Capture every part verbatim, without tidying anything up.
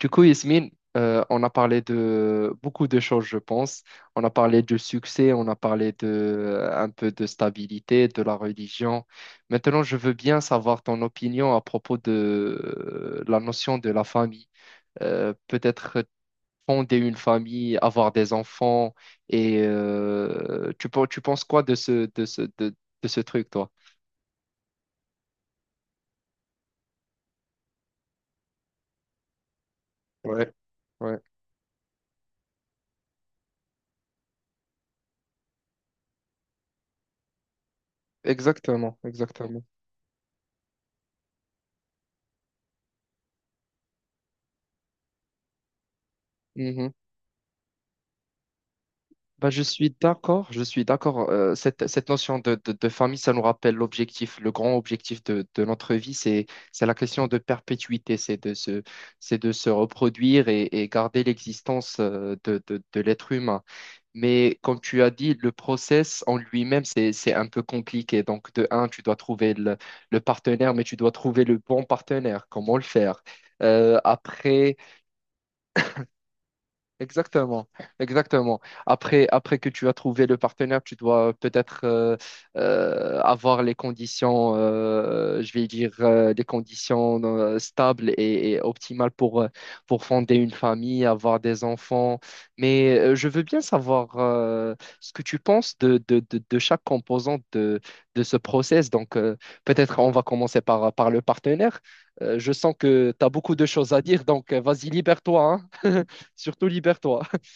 Du coup, Yasmine, euh, on a parlé de beaucoup de choses, je pense. On a parlé de succès, on a parlé de euh, un peu de stabilité, de la religion. Maintenant, je veux bien savoir ton opinion à propos de euh, la notion de la famille. Euh, peut-être fonder une famille, avoir des enfants, et euh, tu, pen- tu penses quoi de ce, de ce, de, de ce truc, toi? Ouais, ouais, exactement, exactement. Bah, je suis d'accord, je suis d'accord. Euh, cette, cette notion de, de- de famille, ça nous rappelle l'objectif, le grand objectif de, de notre vie, c'est, c'est la question de perpétuité, c'est de se, c'est de se reproduire et, et garder l'existence euh, de, de- de l'être humain. Mais comme tu as dit, le process en lui-même, c'est, c'est un peu compliqué. Donc, de un, tu dois trouver le, le partenaire, mais tu dois trouver le bon partenaire. Comment le faire? Euh, après, Exactement, exactement. Après, après que tu as trouvé le partenaire, tu dois euh, peut-être euh, euh, avoir les conditions, euh, je vais dire, euh, des conditions euh, stables et, et optimales pour, euh, pour fonder une famille, avoir des enfants. Mais euh, je veux bien savoir euh, ce que tu penses de, de, de, de chaque composante de, de ce process. Donc, euh, peut-être on va commencer par, par le partenaire. Euh, je sens que tu as beaucoup de choses à dire, donc euh, vas-y, libère-toi, hein. Surtout libère-toi.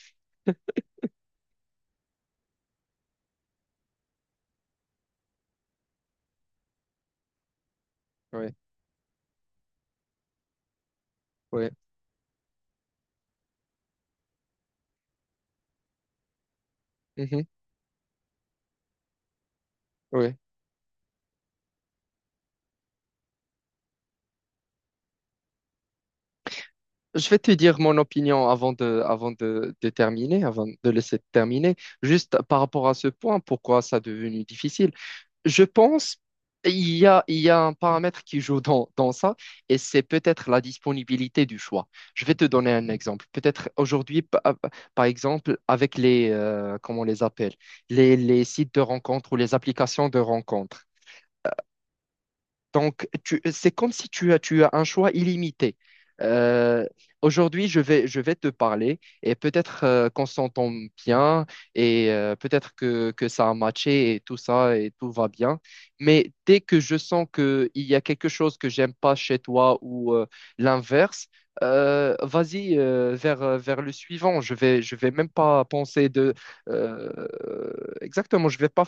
Ouais, ouais, mhm, ouais. Je vais te dire mon opinion avant de, avant de, de terminer, avant de laisser terminer. Juste par rapport à ce point, pourquoi ça est devenu difficile? Je pense il y a, il y a un paramètre qui joue dans, dans ça, et c'est peut-être la disponibilité du choix. Je vais te donner un exemple. Peut-être aujourd'hui, pa- par exemple, avec les, euh, comment on les appelle, les, les sites de rencontres ou les applications de rencontres. Donc, tu- c'est comme si tu as, tu as un choix illimité. Euh, Aujourd'hui, je vais, je vais te parler et peut-être euh, qu'on s'entend bien et euh, peut-être que, que ça a matché et tout ça et tout va bien. Mais dès que je sens qu'il y a quelque chose que j'aime pas chez toi ou euh, l'inverse, euh, vas-y euh, vers, euh, vers le suivant. Je vais, je vais même pas penser de... euh, exactement, je vais pas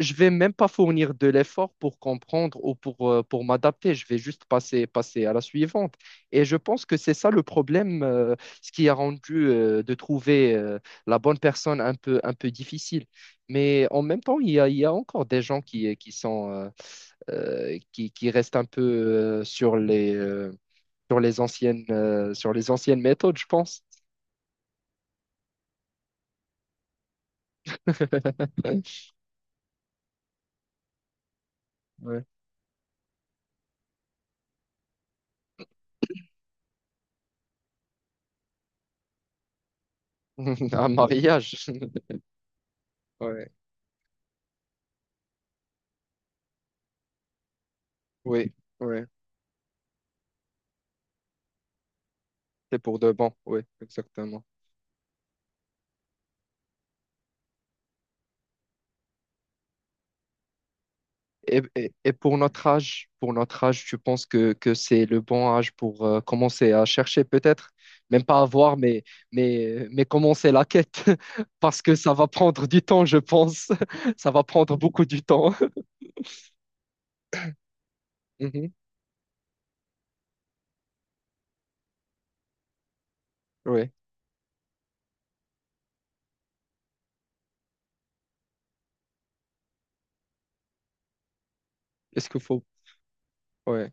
je vais même pas fournir de l'effort pour comprendre ou pour, euh, pour m'adapter. Je vais juste passer, passer à la suivante. Et je pense que c'est ça le problème, euh, ce qui a rendu euh, de trouver euh, la bonne personne un peu, un peu difficile. Mais en même temps, il y a, il y a encore des gens qui, qui sont, euh, euh, qui, qui restent un peu euh, sur les, euh, sur les anciennes, euh, sur les anciennes méthodes, je pense. Ouais. Un Ouais. Mariage. Ouais. Oui, oui. C'est pour de bon, oui, exactement. Et, et, et pour notre âge, pour notre âge, tu penses que, que c'est le bon âge pour euh, commencer à chercher peut-être, même pas avoir, mais, mais, mais commencer la quête, parce que ça va prendre du temps, je pense. Ça va prendre beaucoup du temps. Mhm. Ouais. Est-ce qu'il faut... Ouais.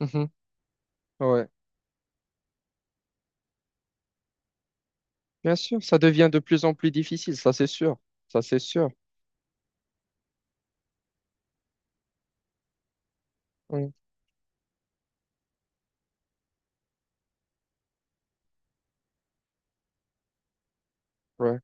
Mhm. Ouais. Bien sûr, ça devient de plus en plus difficile, ça c'est sûr. Ça c'est sûr. Oui. Ouais.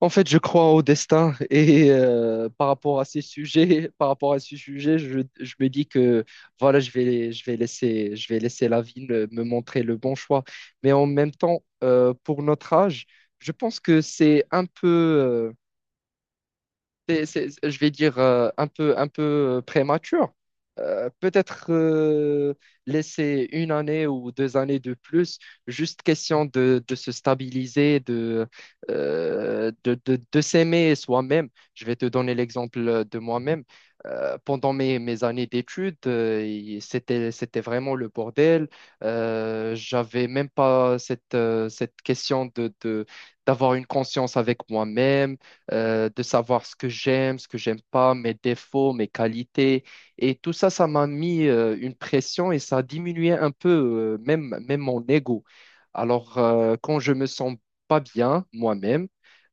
En fait, je crois au destin et euh, par rapport à ces sujets, par rapport à ces sujets, je, je me dis que voilà, je vais, je vais laisser, je vais laisser la vie me me montrer le bon choix. Mais en même temps, euh, pour notre âge, je pense que c'est un peu, euh, c'est- c'est- je vais dire, euh, un peu, un peu euh, prémature. Euh, peut-être euh, laisser une année ou deux années de plus, juste question de, de se stabiliser, de, euh, de, de, de s'aimer soi-même. Je vais te donner l'exemple de moi-même. Euh, pendant mes, mes années d'études, euh, il- c'était, c'était vraiment le bordel. Euh, j'avais même pas cette, euh, cette question de, de, d'avoir une conscience avec moi-même euh, de savoir ce que j'aime, ce que j'aime pas, mes défauts, mes qualités. Et tout ça, ça m'a mis euh, une pression et ça diminuait un peu euh, même, même mon ego. Alors, euh, quand je me sens pas bien moi-même,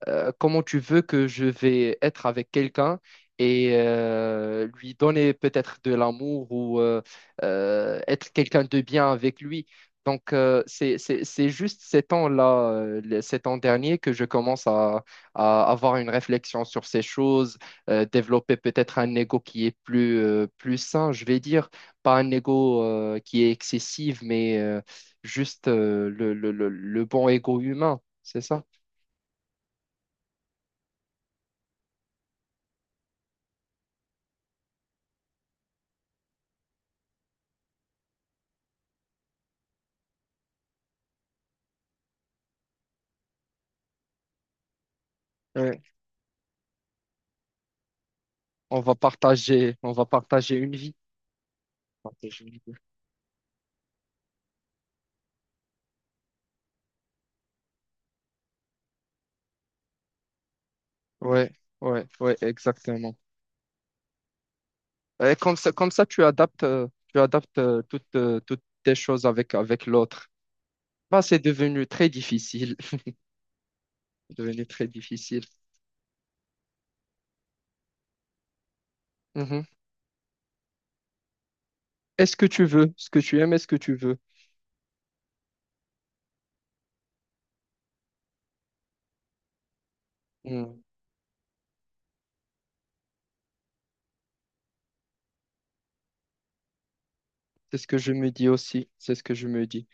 euh, comment tu veux que je vais être avec quelqu'un et euh, lui donner peut-être de l'amour ou euh, euh, être quelqu'un de bien avec lui. Donc, euh, c'est, c'est, c'est juste ces temps-là, euh, les- ces temps derniers, que je commence à, à avoir une réflexion sur ces choses, euh, développer peut-être un ego qui est plus, euh, plus sain, je vais dire, pas un ego euh, qui est excessif, mais euh, juste euh, le, le, le, le bon ego humain, c'est ça? On va partager, on va partager une vie. Partager une vie. Ouais, ouais, ouais, exactement. Et comme ça, comme ça, tu adaptes, euh, tu adaptes euh, toutes, euh, toutes tes choses avec, avec l'autre. Bah, c'est devenu très difficile. C'est devenu très difficile. Mhm. Est-ce que tu veux ce que tu aimes, est-ce que tu veux? Mhm. C'est ce que je me dis aussi. C'est ce que je me dis.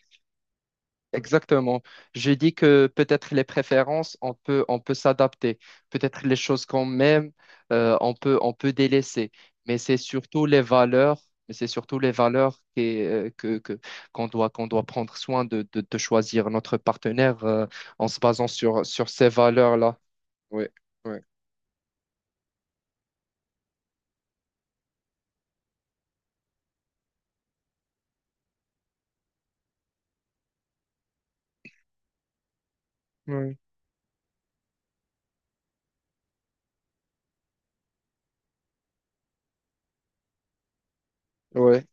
Exactement. J'ai dit que peut-être les préférences, on peut, on peut s'adapter. Peut-être les choses qu'on aime, euh, on peut, on peut délaisser. Mais c'est surtout les valeurs, mais c'est surtout les valeurs qui, euh, que, que, qu'on doit, qu'on doit prendre soin de, de, de choisir notre partenaire, euh, en se basant sur, sur ces valeurs-là. Oui, oui, oui,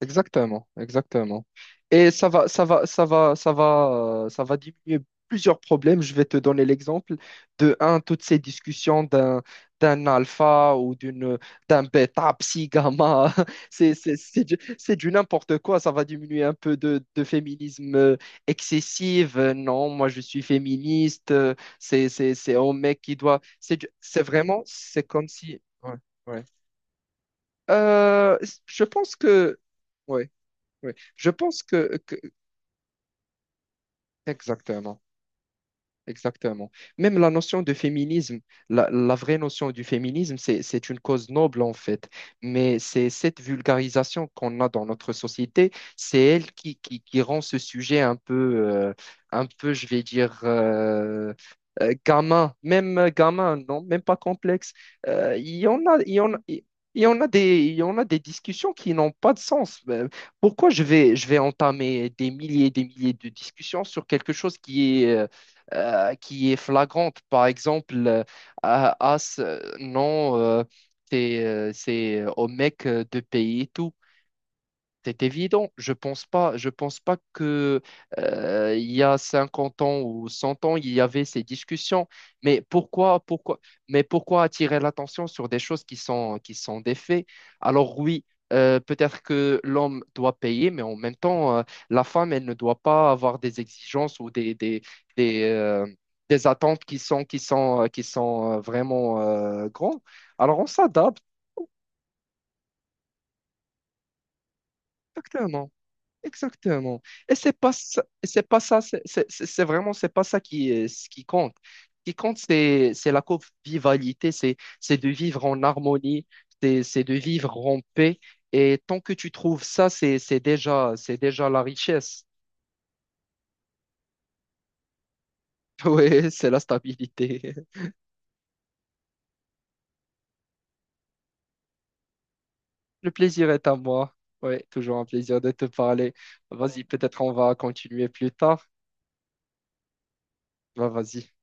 exactement, exactement. Et ça va, ça va, ça va, ça va, euh, ça va diminuer plusieurs problèmes. Je vais te donner l'exemple de un, toutes ces discussions d'un d'un alpha ou d'une d'un bêta, psi, gamma. C'est c'est c'est du, c'est du n'importe quoi. Ça va diminuer un peu de, de féminisme euh, excessif. Euh, Non, moi je suis féministe. Euh, C'est c'est c'est au mec qui doit. C'est du- c'est vraiment C'est comme si. Ouais, ouais. Euh, je pense que. Ouais. Oui, je pense que, que- exactement. Exactement. Même la notion de féminisme, la, la vraie notion du féminisme, c'est, c'est une cause noble en fait. Mais c'est cette vulgarisation qu'on a dans notre société, c'est elle qui, qui, qui rend ce sujet un peu, euh, un peu, je vais dire, euh, euh, gamin, même euh, gamin, non, même pas complexe. Euh, Il y en a, il y en a, il y en a des, Il y en a des discussions qui n'ont pas de sens. Euh, Pourquoi je vais, je vais entamer des milliers et des milliers de discussions sur quelque chose qui est euh, euh, qui est flagrante. Par exemple, euh, ah, ah, ce- non, euh, c'est euh, c'est, euh, au mec euh, de payer tout. C'est évident. Je pense pas, je pense pas que euh, il y a cinquante ans ou cent ans, il y avait ces discussions. Mais pourquoi, pourquoi, mais pourquoi attirer l'attention sur des choses qui sont, qui sont des faits? Alors oui, euh, peut-être que l'homme doit payer, mais en même temps, euh, la femme, elle ne doit pas avoir des exigences ou des, des, des, euh, des attentes qui sont, qui sont, qui sont euh, vraiment euh, grandes. Alors on s'adapte. Exactement. Exactement. Et c'est pas ça, c'est pas ça, c'est c'est- c'est- C'est vraiment, c'est pas ça qui, euh, ce qui compte. Ce qui compte, c'est, c'est la convivialité, c'est, c'est de vivre en harmonie, c'est, c'est de vivre en paix. Et tant que tu trouves ça, c'est, c'est déjà, c'est déjà la richesse. Oui, c'est la stabilité. Le plaisir est à moi. Oui, toujours un plaisir de te parler. Vas-y, peut-être on va continuer plus tard. Bah, vas-y.